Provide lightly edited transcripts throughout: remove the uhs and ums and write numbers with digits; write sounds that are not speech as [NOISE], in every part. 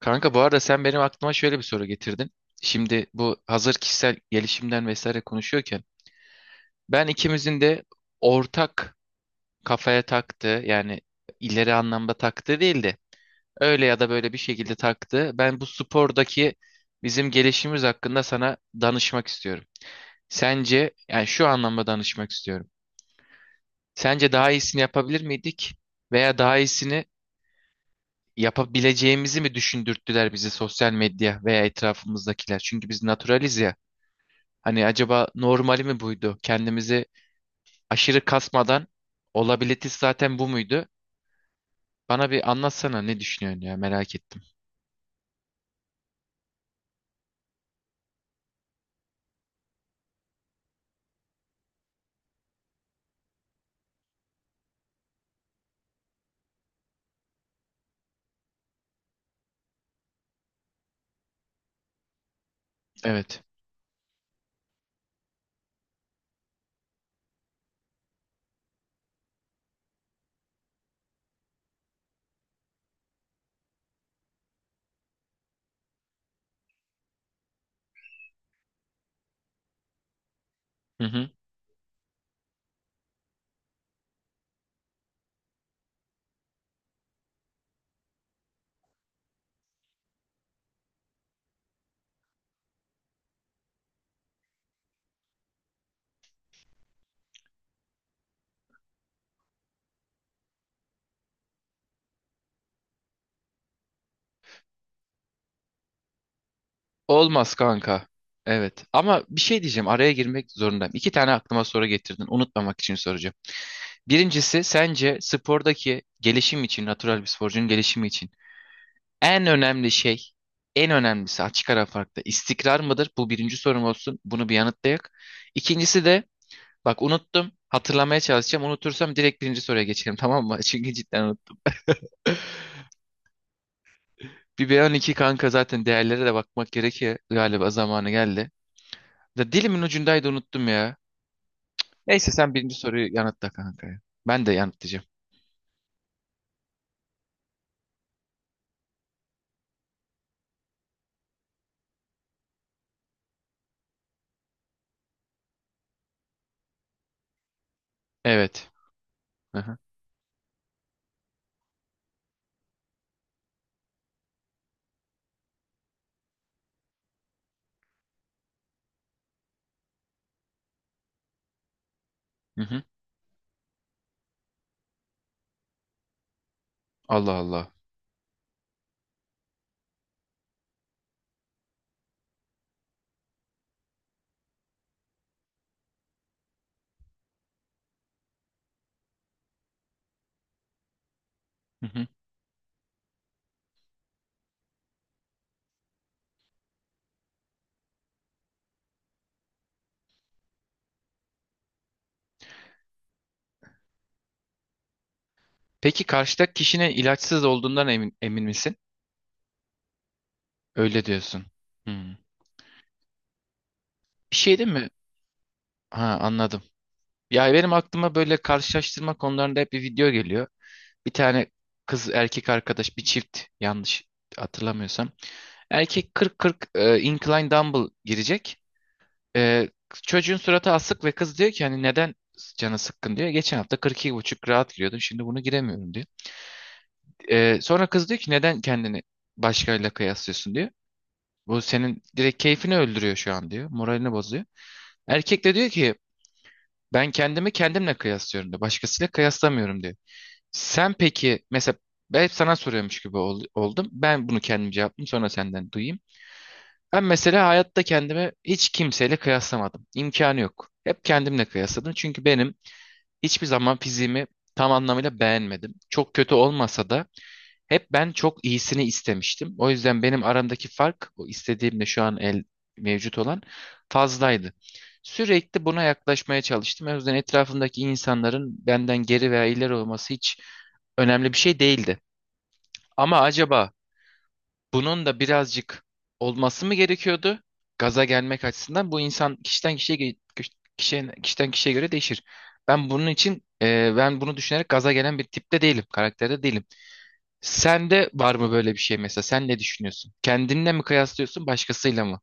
Kanka bu arada sen benim aklıma şöyle bir soru getirdin. Şimdi bu hazır kişisel gelişimden vesaire konuşuyorken ben ikimizin de ortak kafaya taktığı yani ileri anlamda taktığı değil de öyle ya da böyle bir şekilde taktığı ben bu spordaki bizim gelişimimiz hakkında sana danışmak istiyorum. Sence yani şu anlamda danışmak istiyorum. Sence daha iyisini yapabilir miydik veya daha iyisini yapabileceğimizi mi düşündürttüler bizi sosyal medya veya etrafımızdakiler? Çünkü biz naturaliz ya. Hani acaba normali mi buydu? Kendimizi aşırı kasmadan olabilitesi zaten bu muydu? Bana bir anlatsana ne düşünüyorsun ya merak ettim. Evet. Hı hı. Olmaz kanka. Evet ama bir şey diyeceğim araya girmek zorundayım. İki tane aklıma soru getirdin unutmamak için soracağım. Birincisi sence spordaki gelişim için natural bir sporcunun gelişimi için en önemli şey en önemlisi açık ara farklı istikrar mıdır? Bu birinci sorum olsun bunu bir yanıtlayak. İkincisi de bak unuttum. Hatırlamaya çalışacağım. Unutursam direkt birinci soruya geçelim, tamam mı? [LAUGHS] Çünkü cidden unuttum. [LAUGHS] Bir B12 kanka zaten değerlere de bakmak gerekiyor. Galiba zamanı geldi. Da dilimin ucundaydı unuttum ya. Neyse sen birinci soruyu yanıtla kanka ya. Ben de yanıtlayacağım. Evet. Hı hı. Hı hı. Allah Allah. Hı hı. Peki karşıdaki kişinin ilaçsız olduğundan emin misin? Öyle diyorsun. Hmm. Bir şey değil mi? Ha, anladım. Ya benim aklıma böyle karşılaştırma konularında hep bir video geliyor. Bir tane kız erkek arkadaş bir çift, yanlış hatırlamıyorsam. Erkek 40-40 incline dumbbell girecek. E, Çocuğun suratı asık ve kız diyor ki hani neden canı sıkkın diyor. Geçen hafta 42,5 rahat giriyordum şimdi bunu giremiyorum diyor. Sonra kız diyor ki neden kendini başkalarıyla kıyaslıyorsun diyor. Bu senin direkt keyfini öldürüyor şu an diyor. Moralini bozuyor. Erkek de diyor ki ben kendimi kendimle kıyaslıyorum diyor. Başkasıyla kıyaslamıyorum diyor. Sen peki mesela ben hep sana soruyormuş gibi oldum. Ben bunu kendim cevapladım sonra senden duyayım. Ben mesela hayatta kendimi hiç kimseyle kıyaslamadım. İmkanı yok. Hep kendimle kıyasladım. Çünkü benim hiçbir zaman fiziğimi tam anlamıyla beğenmedim. Çok kötü olmasa da hep ben çok iyisini istemiştim. O yüzden benim aramdaki fark o istediğimle şu an el mevcut olan fazlaydı. Sürekli buna yaklaşmaya çalıştım. O yüzden etrafımdaki insanların benden geri veya ileri olması hiç önemli bir şey değildi. Ama acaba bunun da birazcık olması mı gerekiyordu? Gaza gelmek açısından bu insan kişiden kişiye ge- kişi- kişiden kişiden kişiye göre değişir. Ben bunun için ben bunu düşünerek gaza gelen bir tipte değilim, karakterde değilim. Sende var mı böyle bir şey mesela? Sen ne düşünüyorsun? Kendinle mi kıyaslıyorsun, başkasıyla mı?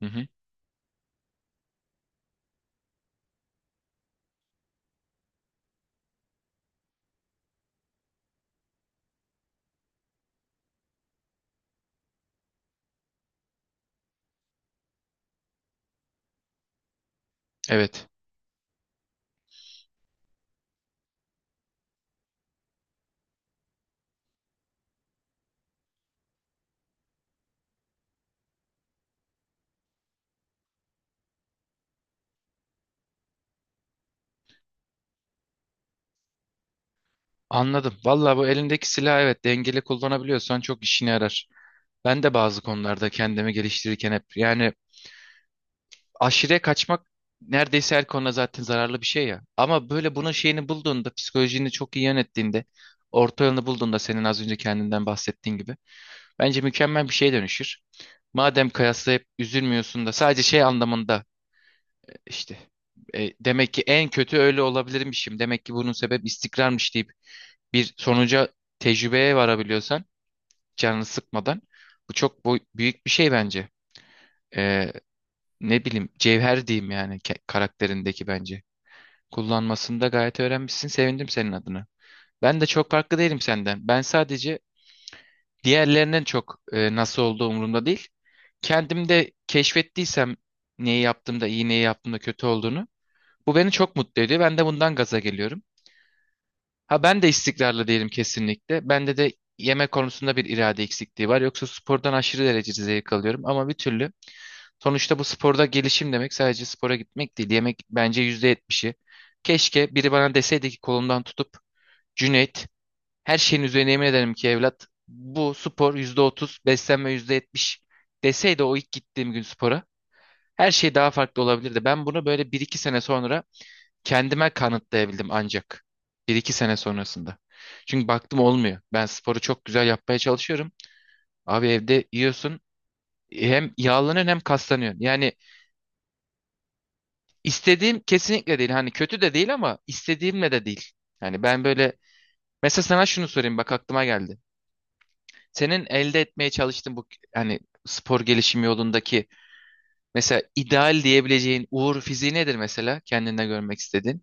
Hı hı. Evet. Anladım. Vallahi bu elindeki silah, evet, dengeli kullanabiliyorsan çok işine yarar. Ben de bazı konularda kendimi geliştirirken hep yani aşırıya kaçmak neredeyse her konuda zaten zararlı bir şey ya. Ama böyle bunun şeyini bulduğunda, psikolojini çok iyi yönettiğinde, orta yolunu bulduğunda, senin az önce kendinden bahsettiğin gibi bence mükemmel bir şeye dönüşür. Madem kıyaslayıp üzülmüyorsun da sadece şey anlamında İşte demek ki en kötü öyle olabilirmişim. Demek ki bunun sebep istikrarmış deyip bir sonuca, tecrübeye varabiliyorsan canını sıkmadan bu çok büyük bir şey bence. E, Ne bileyim cevher diyeyim yani karakterindeki bence. Kullanmasını da gayet öğrenmişsin. Sevindim senin adına. Ben de çok farklı değilim senden. Ben sadece diğerlerinden çok nasıl olduğu umurumda değil. Kendimde keşfettiysem neyi yaptığımda iyi neyi yaptığımda kötü olduğunu, bu beni çok mutlu ediyor. Ben de bundan gaza geliyorum. Ha ben de istikrarlı değilim kesinlikle. Bende de yemek konusunda bir irade eksikliği var. Yoksa spordan aşırı derecede zevk alıyorum ama bir türlü. Sonuçta bu sporda gelişim demek sadece spora gitmek değil. Yemek bence %70'i. Keşke biri bana deseydi ki kolumdan tutup Cüneyt, her şeyin üzerine yemin ederim ki evlat, bu spor %30, beslenme %70 deseydi, o ilk gittiğim gün spora her şey daha farklı olabilirdi. Ben bunu böyle bir iki sene sonra kendime kanıtlayabildim ancak. Bir iki sene sonrasında. Çünkü baktım olmuyor. Ben sporu çok güzel yapmaya çalışıyorum. Abi evde yiyorsun hem yağlanıyorsun hem kaslanıyorsun. Yani istediğim kesinlikle değil. Hani kötü de değil ama istediğimle de değil. Yani ben böyle mesela sana şunu sorayım bak aklıma geldi. Senin elde etmeye çalıştığın bu hani spor gelişimi yolundaki mesela ideal diyebileceğin uğur fiziği nedir mesela kendinde görmek istediğin?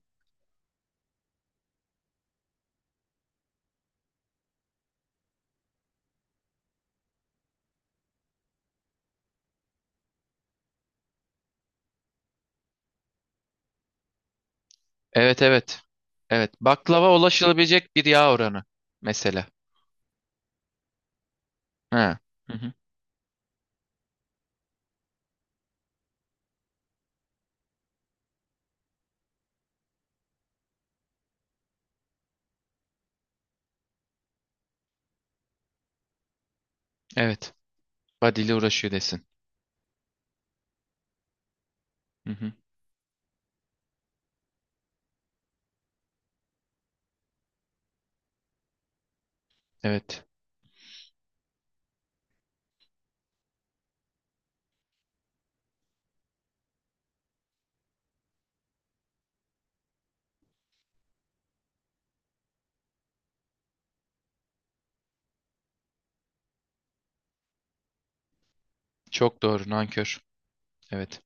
Evet evet. Evet. Baklava ulaşılabilecek bir yağ oranı mesela. Ha. Hı hı. Evet. Badili uğraşıyor desin. Hı hı. Evet. Çok doğru nankör. Evet.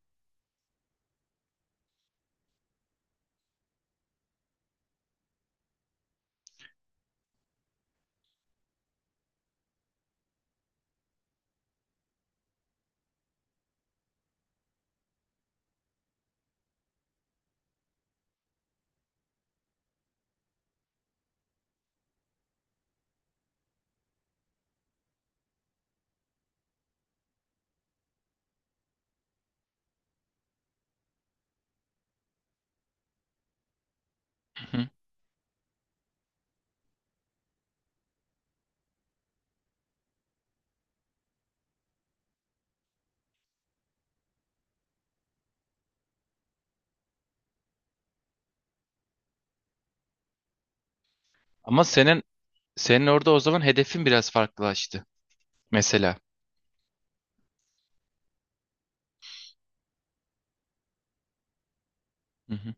Hı hı. Ama senin orada o zaman hedefin biraz farklılaştı mesela. Hı hı.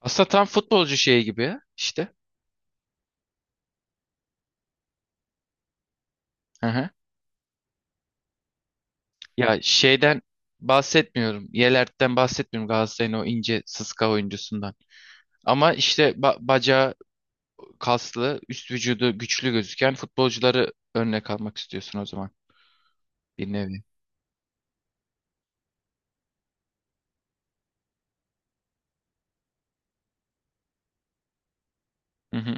Aslında tam futbolcu şeyi gibi ya, işte. Hı hı. Ya şeyden bahsetmiyorum. Yelert'ten bahsetmiyorum. Galatasaray'ın o ince sıska oyuncusundan. Ama işte bacağı kaslı, üst vücudu güçlü gözüken futbolcuları örnek almak istiyorsun o zaman bir nevi. Hı hı.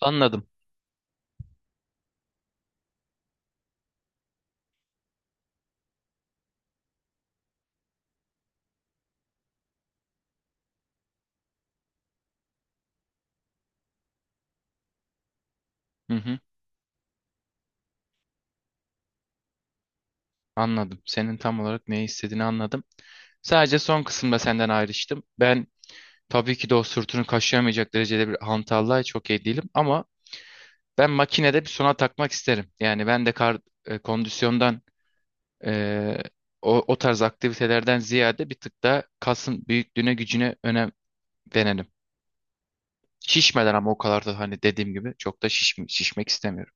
Anladım. Hı hı. Anladım. Senin tam olarak ne istediğini anladım. Sadece son kısımda senden ayrıştım. Ben tabii ki de o sırtını kaşıyamayacak derecede bir hantallığa çok iyi değilim ama ben makinede bir sona takmak isterim. Yani ben de kondisyondan Ee, o, o tarz aktivitelerden ziyade bir tık da kasın büyüklüğüne gücüne önem verelim. Şişmeden ama o kadar da hani dediğim gibi çok da şişmek istemiyorum.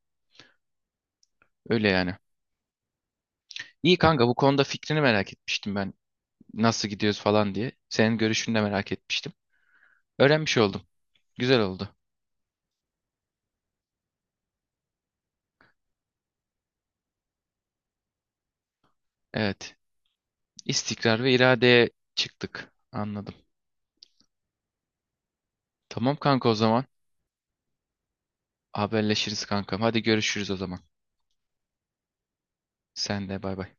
Öyle yani. İyi kanka bu konuda fikrini merak etmiştim ben. Nasıl gidiyoruz falan diye. Senin görüşünü de merak etmiştim. Öğrenmiş oldum. Güzel oldu. Evet. İstikrar ve iradeye çıktık. Anladım. Tamam kanka o zaman. Haberleşiriz kankam. Hadi görüşürüz o zaman. Sen de bay bay.